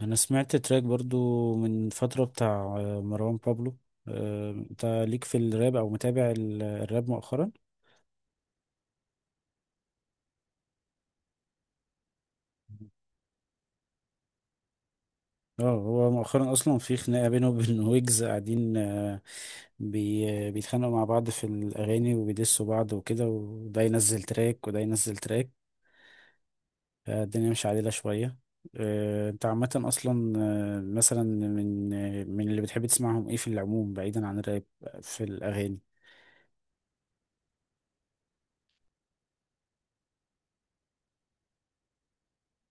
انا سمعت تراك برضو من فترة بتاع مروان بابلو. انت ليك في الراب او متابع الراب مؤخرا؟ اه، هو مؤخرا اصلا في خناقة بينه وبين ويجز قاعدين. آه، بي آه، بيتخانقوا مع بعض في الاغاني وبيدسوا بعض وكده، وده ينزل تراك وده ينزل تراك. الدنيا مش عادلة شوية. انت عامة اصلا، مثلا من اللي بتحب تسمعهم ايه في العموم بعيدا عن الراب، في الاغاني؟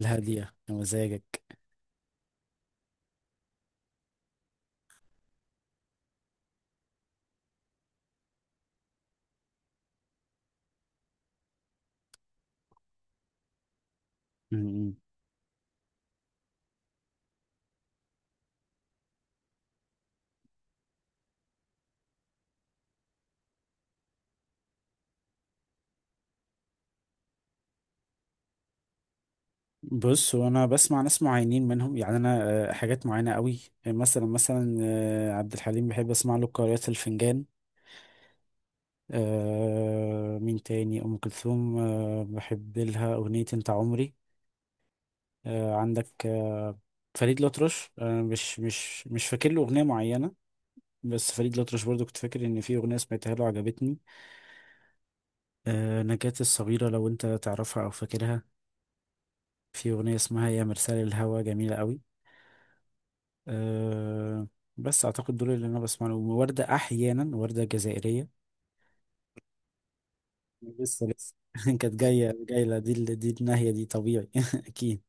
الهادية مزاجك. بص، هو انا بسمع ناس معينين منهم، يعني انا حاجات معينه قوي. مثلا عبد الحليم بحب اسمع له قارئة الفنجان. مين تاني؟ ام كلثوم، بحب لها اغنيه انت عمري. آه، عندك آه، فريد الأطرش مش فاكر له اغنيه معينه. بس فريد الأطرش برضو كنت فاكر ان في اغنيه سمعتها له عجبتني. نجاة الصغيره لو انت تعرفها او فاكرها، في اغنيه اسمها يا مرسال الهوى جميله قوي. أه. بس اعتقد دول اللي انا بسمع لهم، وردة احيانا، وردة جزائرية. لسه لسه كانت جاية جاية، دي الناحية دي طبيعي اكيد.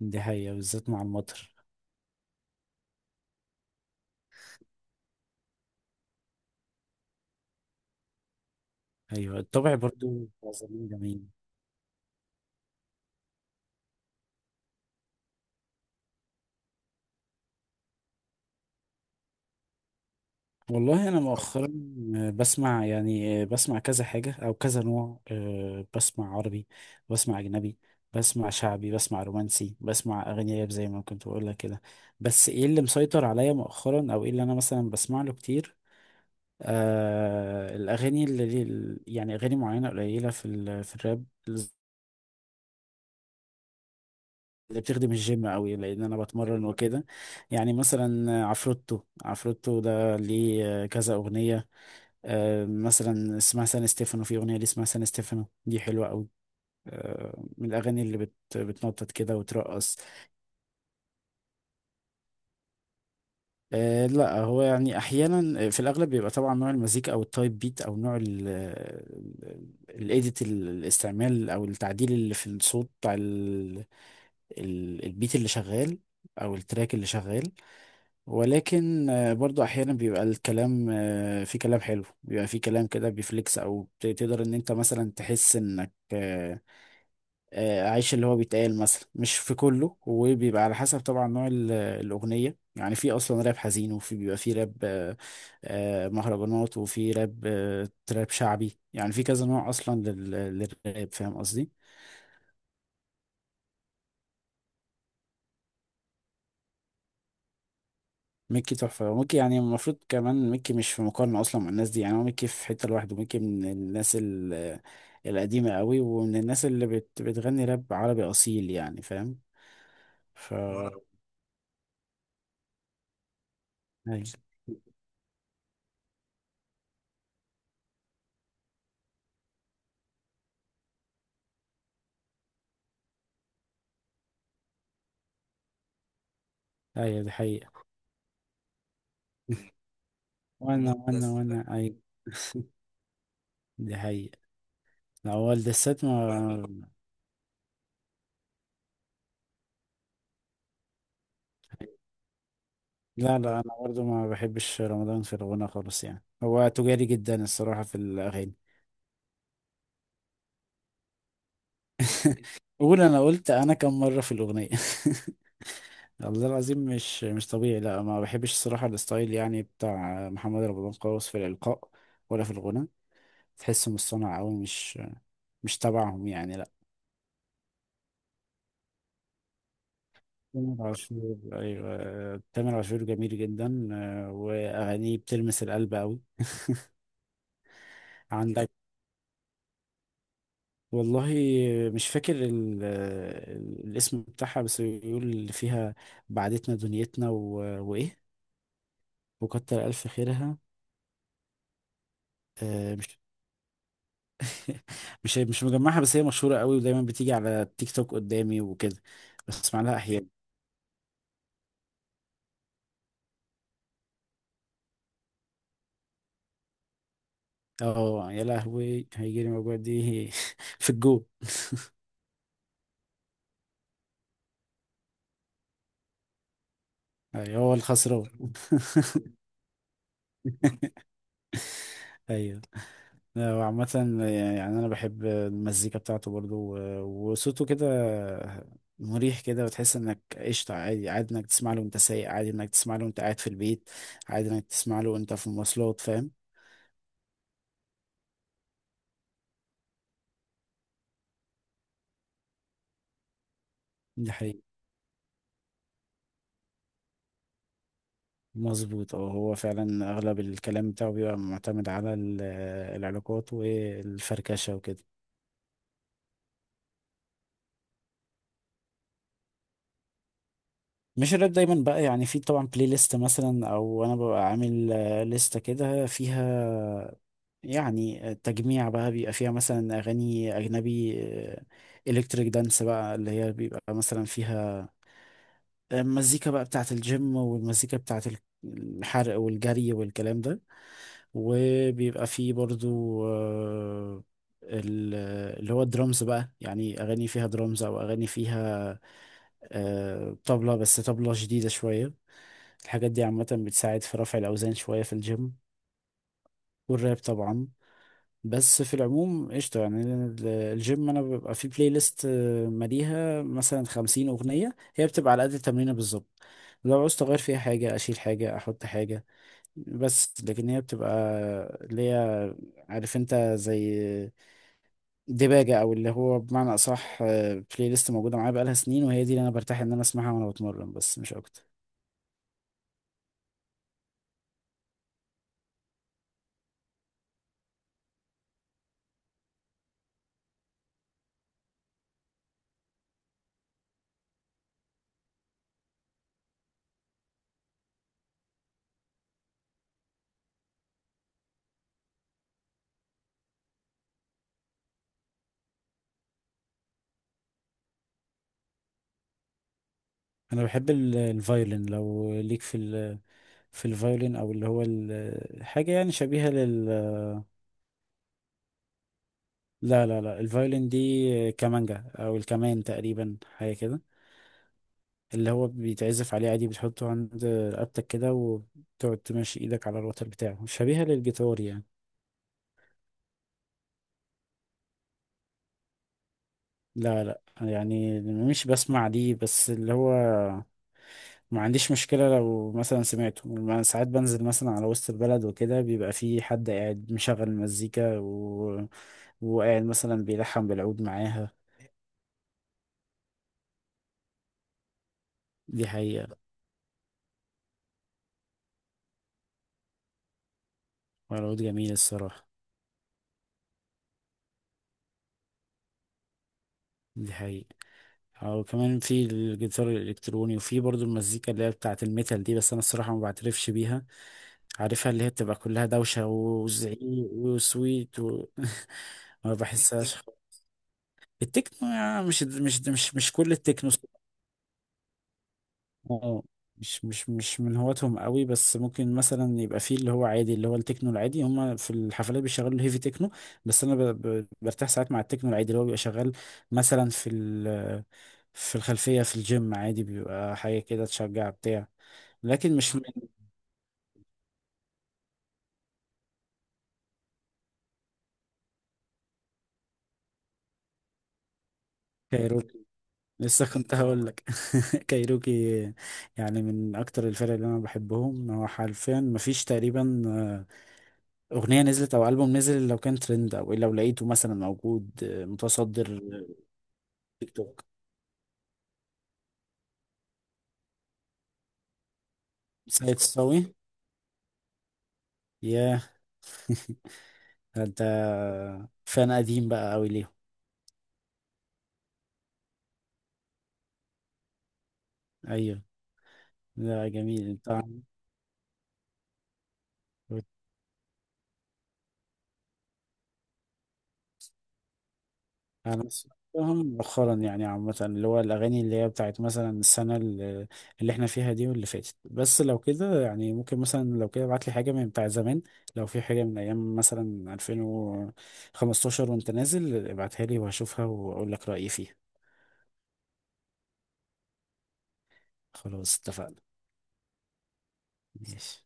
دي حقيقة بالذات مع المطر. ايوه، الطبع برضو بتاع زمان جميل. والله انا مؤخرا بسمع، يعني بسمع كذا حاجة او كذا نوع. بسمع عربي، بسمع اجنبي، بسمع شعبي، بسمع رومانسي، بسمع اغاني راب زي ما كنت بقول لك كده. بس ايه اللي مسيطر عليا مؤخرا؟ او ايه اللي انا مثلا بسمع له كتير؟ الأغاني يعني أغاني معينة قليلة في الراب اللي بتخدم الجيم قوي، لأن أنا بتمرن وكده. يعني مثلا عفروتو، عفروتو ده ليه كذا أغنية. مثلا اسمها سان ستيفانو، في أغنية ليه اسمها سان ستيفانو دي حلوة قوي. من الأغاني اللي بتنطط كده وترقص. لا، هو يعني احيانا، في الاغلب بيبقى طبعا نوع المزيكا او التايب بيت، او نوع الايديت، الاستعمال او التعديل اللي في الصوت بتاع البيت اللي شغال او التراك اللي شغال. ولكن برضو احيانا بيبقى الكلام، في كلام حلو، بيبقى في كلام كده بيفليكس، او تقدر ان انت مثلا تحس انك اعيش اللي هو بيتقال، مثلا مش في كله، وبيبقى على حسب طبعا نوع الاغنيه. يعني في اصلا راب حزين، وفي بيبقى في راب مهرجانات، وفي راب تراب شعبي. يعني في كذا نوع اصلا للراب، فاهم قصدي. ميكي تحفه، وميكي يعني المفروض كمان ميكي مش في مقارنه اصلا مع الناس دي، يعني هو ميكي في حته لوحده. ميكي من الناس القديمه قوي، ومن الناس اللي بتغني راب عربي اصيل، يعني فاهم. وانا، ايوه. أيوة، دي حقيقه. وانا وانا بس وانا، ايوه. دي حقيقة. هو الدسات ما... لا لا، أنا برضو ما بحبش رمضان في الغنى خالص. يعني هو تجاري جدا الصراحة في الأغاني. قول، أنا قلت أنا كم مرة في الأغنية؟ والله العظيم مش طبيعي. لا، ما بحبش الصراحة الستايل يعني بتاع محمد رمضان خالص، في الإلقاء ولا في الغنى. تحسه مصطنع أوي، مش تبعهم يعني، لا. تامر عاشور، أيوة تامر عاشور جميل جدا، وأغانيه بتلمس القلب أوي. عندك، والله مش فاكر الاسم بتاعها، بس بيقول اللي فيها: بعدتنا دنيتنا و... وايه؟ وكتر الف خيرها. مش مش مش مجمعها، بس هي مشهورة قوي، ودايما بتيجي على التيك توك قدامي وكده. بسمع لها احيانا. اه يا لهوي، هيجيلي موجوع دي في الجو. أيوة، هو الخسران. ايوه. وعامة، يعني أنا بحب المزيكا بتاعته برضو، وصوته كده مريح كده، وتحس إنك قشطة. عادي عادي إنك تسمع له وأنت سايق، عادي إنك تسمع له وأنت قاعد في البيت، عادي إنك تسمع له وأنت في المواصلات، فاهم. دي حقيقة، مظبوط. اه هو فعلا أغلب الكلام بتاعه بيبقى معتمد على العلاقات والفركشة وكده. مش الراب دايما بقى، يعني في طبعا بلاي ليست مثلا، او انا ببقى عامل لستة كده فيها، يعني التجميع بقى، بيبقى فيها مثلا أغاني أجنبي، إلكتريك دانس، بقى اللي هي بيبقى مثلا فيها المزيكا بقى بتاعة الجيم، والمزيكا بتاعة الحرق والجري والكلام ده. وبيبقى فيه برضو ال- اللي هو الدرامز بقى، يعني أغاني فيها درامز، أو أغاني فيها طبلة، بس طبلة جديدة شوية. الحاجات دي عامة بتساعد في رفع الأوزان شوية في الجيم، والراب طبعا. بس في العموم قشطة. يعني الجيم أنا ببقى فيه بلاي ليست ماليها مثلا 50 أغنية، هي بتبقى على قد التمرينة بالظبط. لو عاوز أغير فيها حاجة، أشيل حاجة أحط حاجة. بس لكن هي بتبقى اللي هي، عارف أنت، زي دباجة. أو اللي هو بمعنى أصح، بلاي ليست موجودة معايا بقالها سنين، وهي دي اللي أنا برتاح إن أنا أسمعها وأنا بتمرن، بس مش أكتر. أنا بحب الفايولين، لو ليك في ال... في الفايولين، أو اللي هو حاجة يعني شبيهة لل... لا لا لا، الفايولين دي كمانجا، او الكمان تقريبا، حاجه كده. اللي هو بيتعزف عليه عادي، بتحطه عند رقبتك كده، وتقعد تمشي ايدك على الوتر بتاعه، شبيهه للجيتار يعني. لا لا، يعني مش بسمع دي، بس اللي هو ما عنديش مشكله. لو مثلا سمعته، ساعات بنزل مثلا على وسط البلد وكده، بيبقى في حد قاعد مشغل مزيكا و... وقاعد مثلا بيلحن بالعود معاها. دي حقيقه. والعود جميل الصراحه. دي حقيقه. او كمان في الجيتار الالكتروني، وفي برضو المزيكا اللي هي بتاعه الميتال دي، بس انا الصراحه ما بعترفش بيها. عارفها، اللي هي بتبقى كلها دوشه وزعيق وسويت و... ما بحسهاش. التكنو، يعني مش كل التكنو. اه، مش من هواتهم قوي، بس ممكن مثلا يبقى فيه اللي هو عادي، اللي هو التكنو العادي. هما في الحفلات بيشغلوا الهيفي تكنو. بس انا برتاح ساعات مع التكنو العادي اللي هو بيبقى شغال مثلا في ال... في الخلفية في الجيم. عادي بيبقى حاجة كده تشجع بتاع. لكن مش من... كايروكي. لسه كنت هقول لك. كايروكي يعني من اكتر الفرق اللي انا بحبهم. هو حرفيا مفيش تقريبا اغنية نزلت او البوم نزل لو كان ترند، او لو لقيته مثلا موجود متصدر. تيك توك. سيد الصاوي. ياه. ده انت فان قديم بقى قوي ليهم. ايوه. لا جميل، انا سمعتهم مؤخرا يعني عامة، اللي هو الأغاني اللي هي بتاعت مثلا السنة اللي احنا فيها دي، واللي فاتت، بس لو كده يعني ممكن، مثلا لو كده ابعت لي حاجة من بتاع زمان. لو في حاجة من أيام مثلا 2015 وأنت نازل ابعتها لي، وهشوفها وأقول لك رأيي فيها. خلاص اتفقنا. ماشي.